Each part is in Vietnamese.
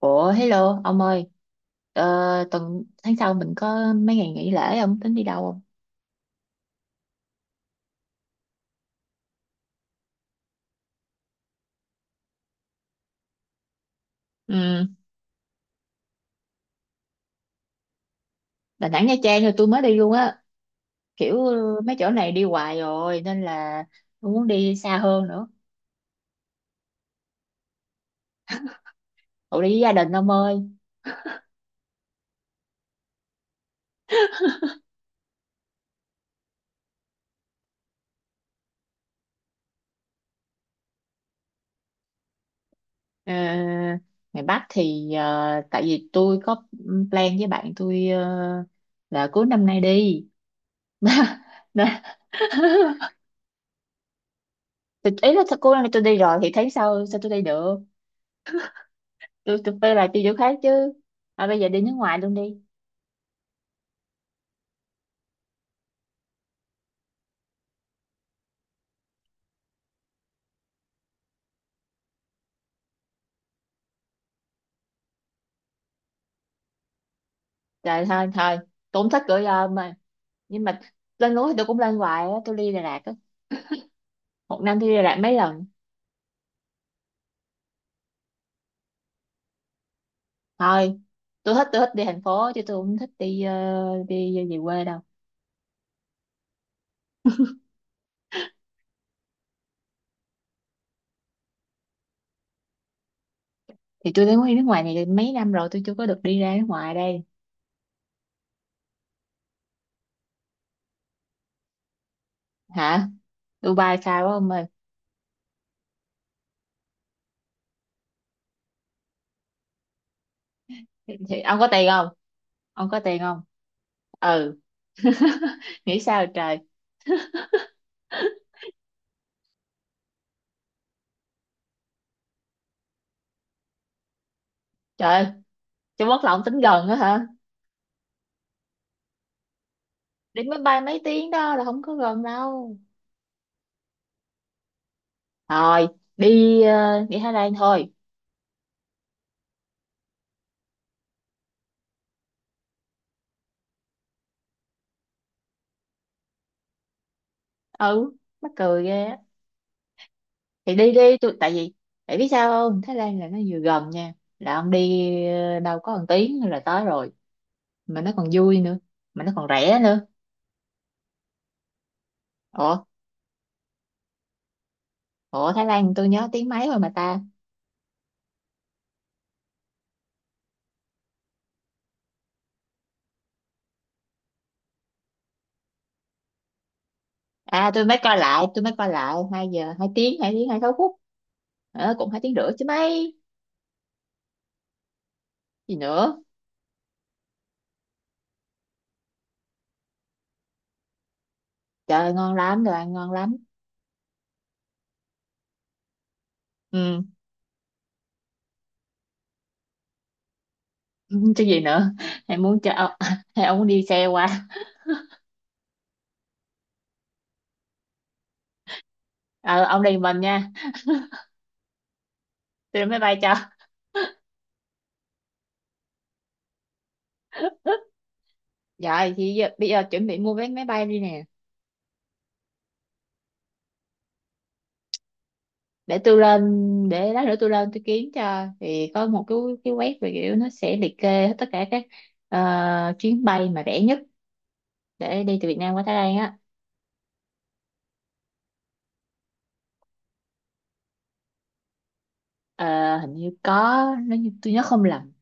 Ủa, hello ông ơi. ờ, Tuần tháng sau mình có mấy ngày nghỉ lễ, ông tính đi đâu không? Ừ, Đà Nẵng Nha Trang rồi tôi mới đi luôn á. Kiểu mấy chỗ này đi hoài rồi nên là tôi muốn đi xa hơn nữa. Ủa, đi với gia đình ông ơi. Ờ, ngày Bắc thì tại vì tôi có plan với bạn tôi, là cuối năm nay đi. Nên- thì ý là cô này tôi đi rồi thì tháng sau sao tôi đi được. Tôi phải là đi chỗ khác chứ. À, bây giờ đi nước ngoài luôn đi. Trời, thôi thôi. Tôi không thích gửi ôm mà. Nhưng mà lên núi thì tôi cũng lên hoài á. Tôi đi Đà Lạt á. Một năm tôi đi Đà Lạt mấy lần. Thôi, tôi thích đi thành phố chứ tôi không thích đi đi về quê đâu. Thì tôi đến đi nước ngoài này mấy năm rồi. Tôi chưa có được đi ra nước ngoài đây. Hả? Dubai xa quá ông ơi. Thì ông có tiền không? Ông có tiền không? Ừ, nghĩ sao trời. Trời ơi, Trung Quốc là ông tính gần á hả? Đi máy bay mấy tiếng đó là không có gần đâu. Thôi, đi đi Thái Lan thôi. Ừ, mắc cười ghê á. Thì đi đi, tôi tại vì tại biết sao không, Thái Lan là nó vừa gần nha, là ông đi đâu có một tiếng là tới rồi, mà nó còn vui nữa, mà nó còn rẻ nữa. Ủa. Ủa, Thái Lan tôi nhớ tiếng mấy rồi mà ta. À, tôi mới coi lại 2 giờ, 2 tiếng, 26 phút. Cũng 2 tiếng rưỡi chứ mấy. Gì nữa. Trời ơi, ngon lắm, đồ ăn ngon lắm. Ừ. Chứ gì nữa. Hay muốn cho hay ông muốn đi xe qua? Ờ, ông đi mình nha. Tôi đi máy bay cho. Dạ thì giờ, bây giờ chuẩn bị mua vé máy bay đi nè. Để tôi lên, để lát nữa tôi lên tôi kiếm cho, thì có một cái web, về kiểu nó sẽ liệt kê hết tất cả các chuyến bay mà rẻ nhất để đi từ Việt Nam qua Thái Lan á. Ờ, hình như có, nếu như tôi nhớ không lầm.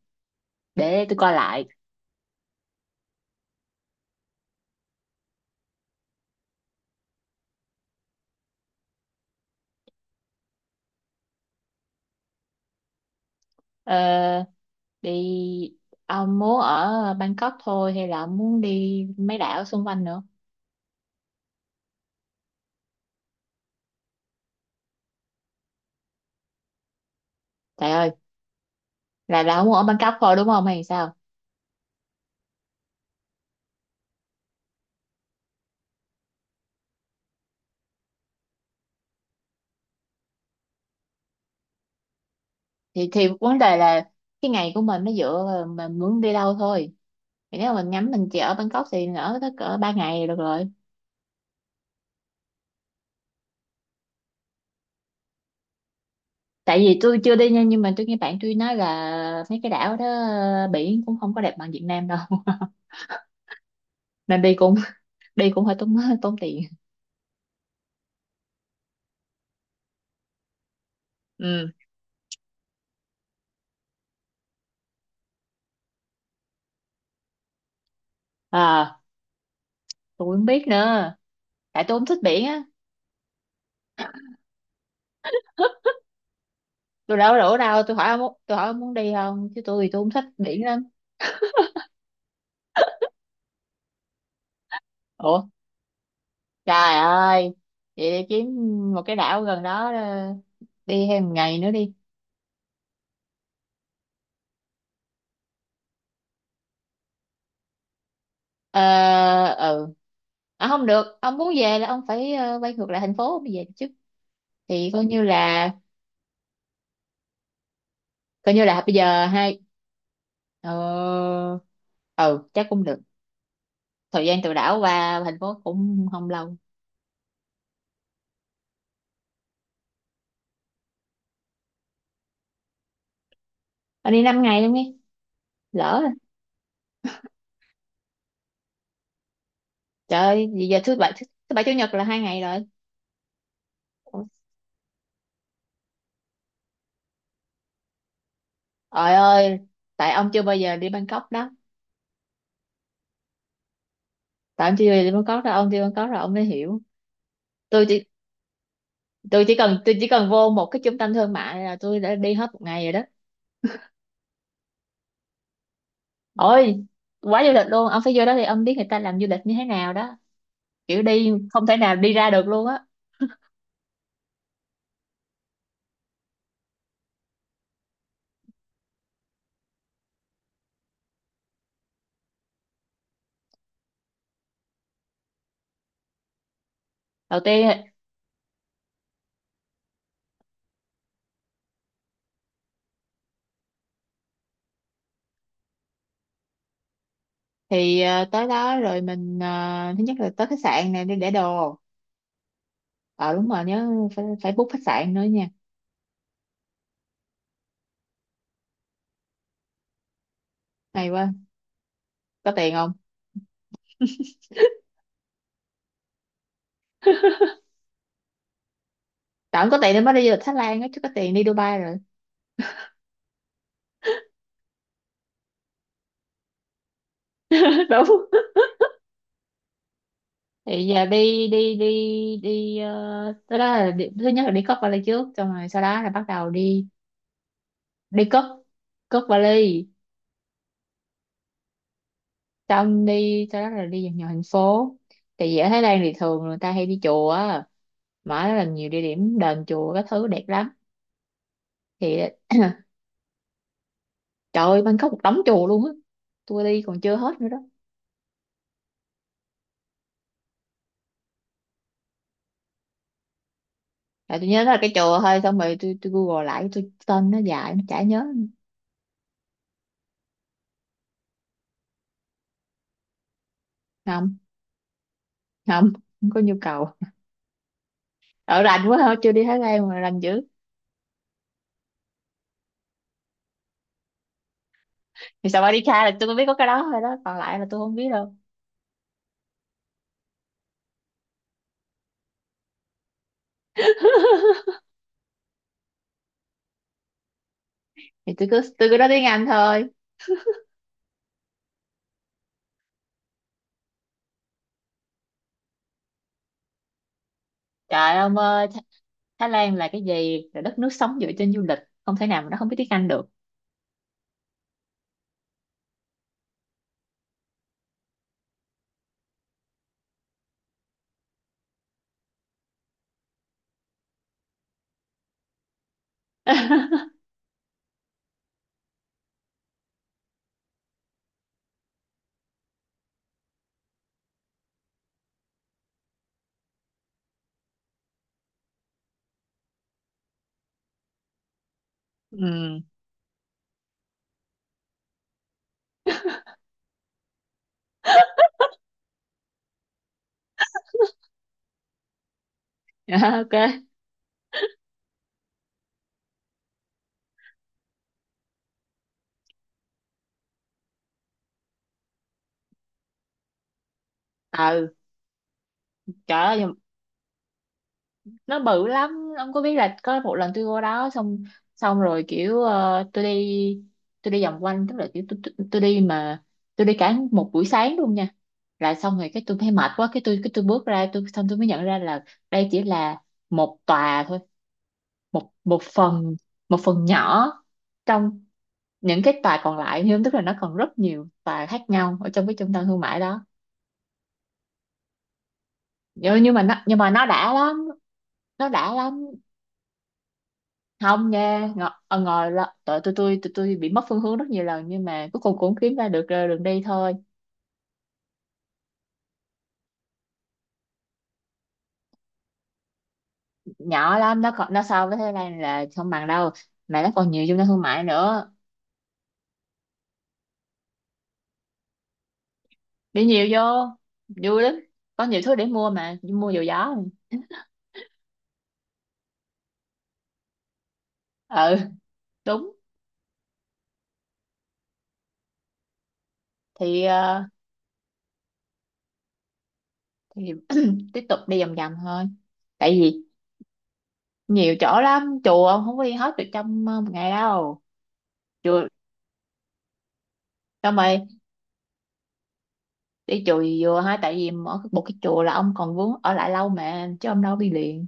Để tôi coi lại. Ờ, đi. Ông muốn ở Bangkok thôi hay là ông muốn đi mấy đảo xung quanh nữa? Trời ơi. Là ông muốn ở Bangkok thôi đúng không hay sao? Thì vấn đề là cái ngày của mình nó dựa vào mình muốn đi đâu thôi. Thì nếu mà mình ngắm mình chỉ ở Bangkok thì ở tới cỡ 3 ngày là được rồi. Tại vì tôi chưa đi nha, nhưng mà tôi nghe bạn tôi nói là mấy cái đảo đó biển cũng không có đẹp bằng Việt Nam đâu. Nên đi cũng hơi tốn, tốn tiền. Ừ. À, tôi không biết nữa. Tại tôi không thích biển á. Tôi đâu có rủ đâu, tôi hỏi ông muốn đi không, chứ tôi thì tôi không thích biển lắm. Ủa. Trời ơi. Vậy đi kiếm một cái đảo gần đó, đi thêm một ngày nữa đi. Ờ, ừ. À, không được, ông muốn về là ông phải quay ngược lại thành phố ông mới về được chứ. Thì coi như là bây giờ hai, ờ, ừ, chắc cũng được. Thời gian từ đảo qua thành phố cũng không lâu. Anh đi 5 ngày luôn đi. Lỡ rồi. Trời ơi vì giờ thứ bảy, thứ bảy chủ nhật là 2 ngày rồi. Trời ơi. Tại ông chưa bao giờ đi Bangkok đó. Tại ông chưa bao giờ đi Bangkok đó, ông đi Bangkok rồi ông mới hiểu. Tôi chỉ tôi chỉ cần tôi chỉ cần vô một cái trung tâm thương mại là tôi đã đi hết một ngày rồi đó. Ôi, quá du lịch luôn, ông phải vô đó thì ông biết người ta làm du lịch như thế nào đó. Kiểu đi không thể nào đi ra được luôn á. Đầu tiên thì tới đó rồi mình thứ nhất là tới khách sạn này đi để đồ. Ờ, đúng rồi nhớ, phải phải book khách sạn nữa nha. Hay quá. Có tiền không? Tại không có tiền nên mới đi du lịch Thái Lan á, chứ có tiền đi Dubai rồi. Đúng. Thì giờ đi đi đi. Đi tới đó là đi, thứ nhất là đi cất vali trước xong rồi sau đó là bắt đầu đi. Đi cất cất vali, xong đi sau đó là đi vòng nhiều thành phố. Tại vì ở Thái Lan thì thường người ta hay đi chùa á. Mà nó là nhiều địa điểm đền chùa các thứ đẹp lắm. Thì trời ơi, Bangkok một đống chùa luôn á. Tôi đi còn chưa hết nữa đó. À, tôi nhớ đó là cái chùa thôi, xong rồi tôi google lại, tôi tên nó dài nó chả nhớ. Không. Không. Không có nhu cầu. Ở rành quá hả, chưa đi Thái Lan mà rành dữ. Thì sao đi Kha là tôi cũng biết có cái đó thôi đó, còn lại là tôi không biết đâu. Thì tôi cứ nói tiếng Anh thôi. Trời ông ơi, Thái Lan là cái gì, là đất nước sống dựa trên du lịch, không thể nào mà nó không biết tiếng Anh được. Ừ. Ok. Ừ. Trời ơi. Nó bự lắm, ông có biết là có một lần tôi qua đó xong, xong rồi kiểu tôi đi, tôi đi vòng quanh, tức là kiểu tôi đi mà tôi đi cả một buổi sáng luôn nha. Là xong rồi cái tôi thấy mệt quá, cái tôi bước ra, tôi xong tôi mới nhận ra là đây chỉ là một tòa thôi, một một phần, một phần nhỏ trong những cái tòa còn lại, nhưng tức là nó còn rất nhiều tòa khác nhau ở trong cái trung tâm thương mại đó. Nhưng mà nó đã lắm. Nó đã lắm. Không nha, ngồi, ngồi là- tụi tôi bị mất phương hướng rất nhiều lần, nhưng mà cuối cùng cũng kiếm ra được đường đi thôi. Nhỏ lắm, nó còn nó so với Thái Lan là không bằng đâu. Mà nó còn nhiều trung tâm thương mại nữa. Đi nhiều vô, vui lắm, có nhiều thứ để mua, mà mua dầu gió. Ừ, đúng. Thì ờ, thì tiếp tục đi vòng vòng thôi, tại vì nhiều chỗ lắm, chùa ông không có đi hết được trong một ngày đâu. Chùa, xong rồi đi chùa gì vừa ha, tại vì ở một cái chùa là ông còn vướng ở lại lâu mà, chứ ông đâu đi liền.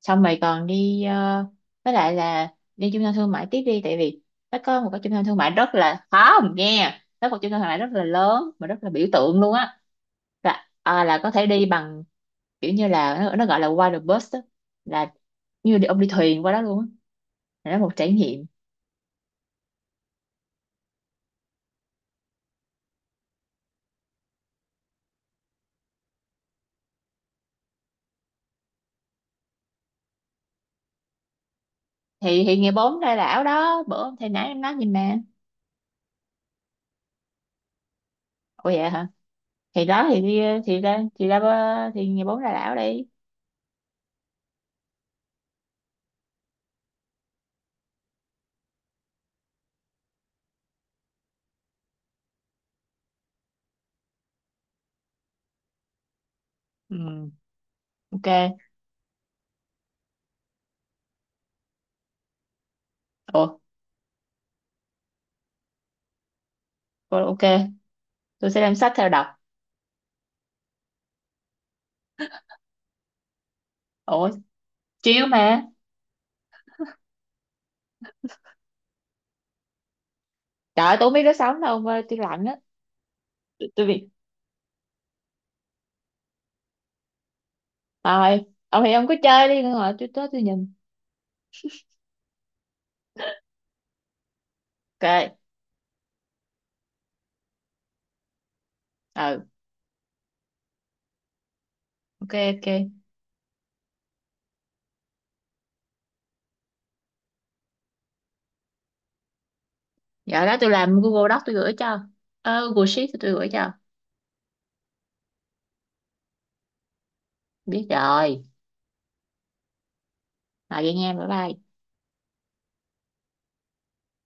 Xong rồi còn đi với lại là đi trung tâm thương mại tiếp đi, tại vì nó có một cái trung tâm thương mại rất là, không, nghe nó có một trung tâm thương mại rất là lớn mà rất là biểu tượng luôn á, là à, là có thể đi bằng kiểu như là nó gọi là water bus á, là như đi, ông đi thuyền qua đó luôn á, là nó một trải nghiệm. Thì ngày 4 ra đảo đó, bữa hôm thầy nãy em nói gì mà. Ủa, vậy hả? Thì đó thì đi. Thì ngày 4 ra đảo đi. Ừ, ok. Ủa. Ok, tôi sẽ đem sách theo đọc. Ủa, chiếu mà. Trời ơi, tôi không biết đứa sống đâu mà tôi lạnh á. Tôi bị, thôi, ông thì ông cứ chơi đi rồi tôi tới tôi nhìn. Ok. Ừ. Ok, ok. Giờ đó tôi làm Google Doc tôi gửi cho, Google Sheet tôi gửi cho. Biết rồi. Rồi vậy nha, bye bye.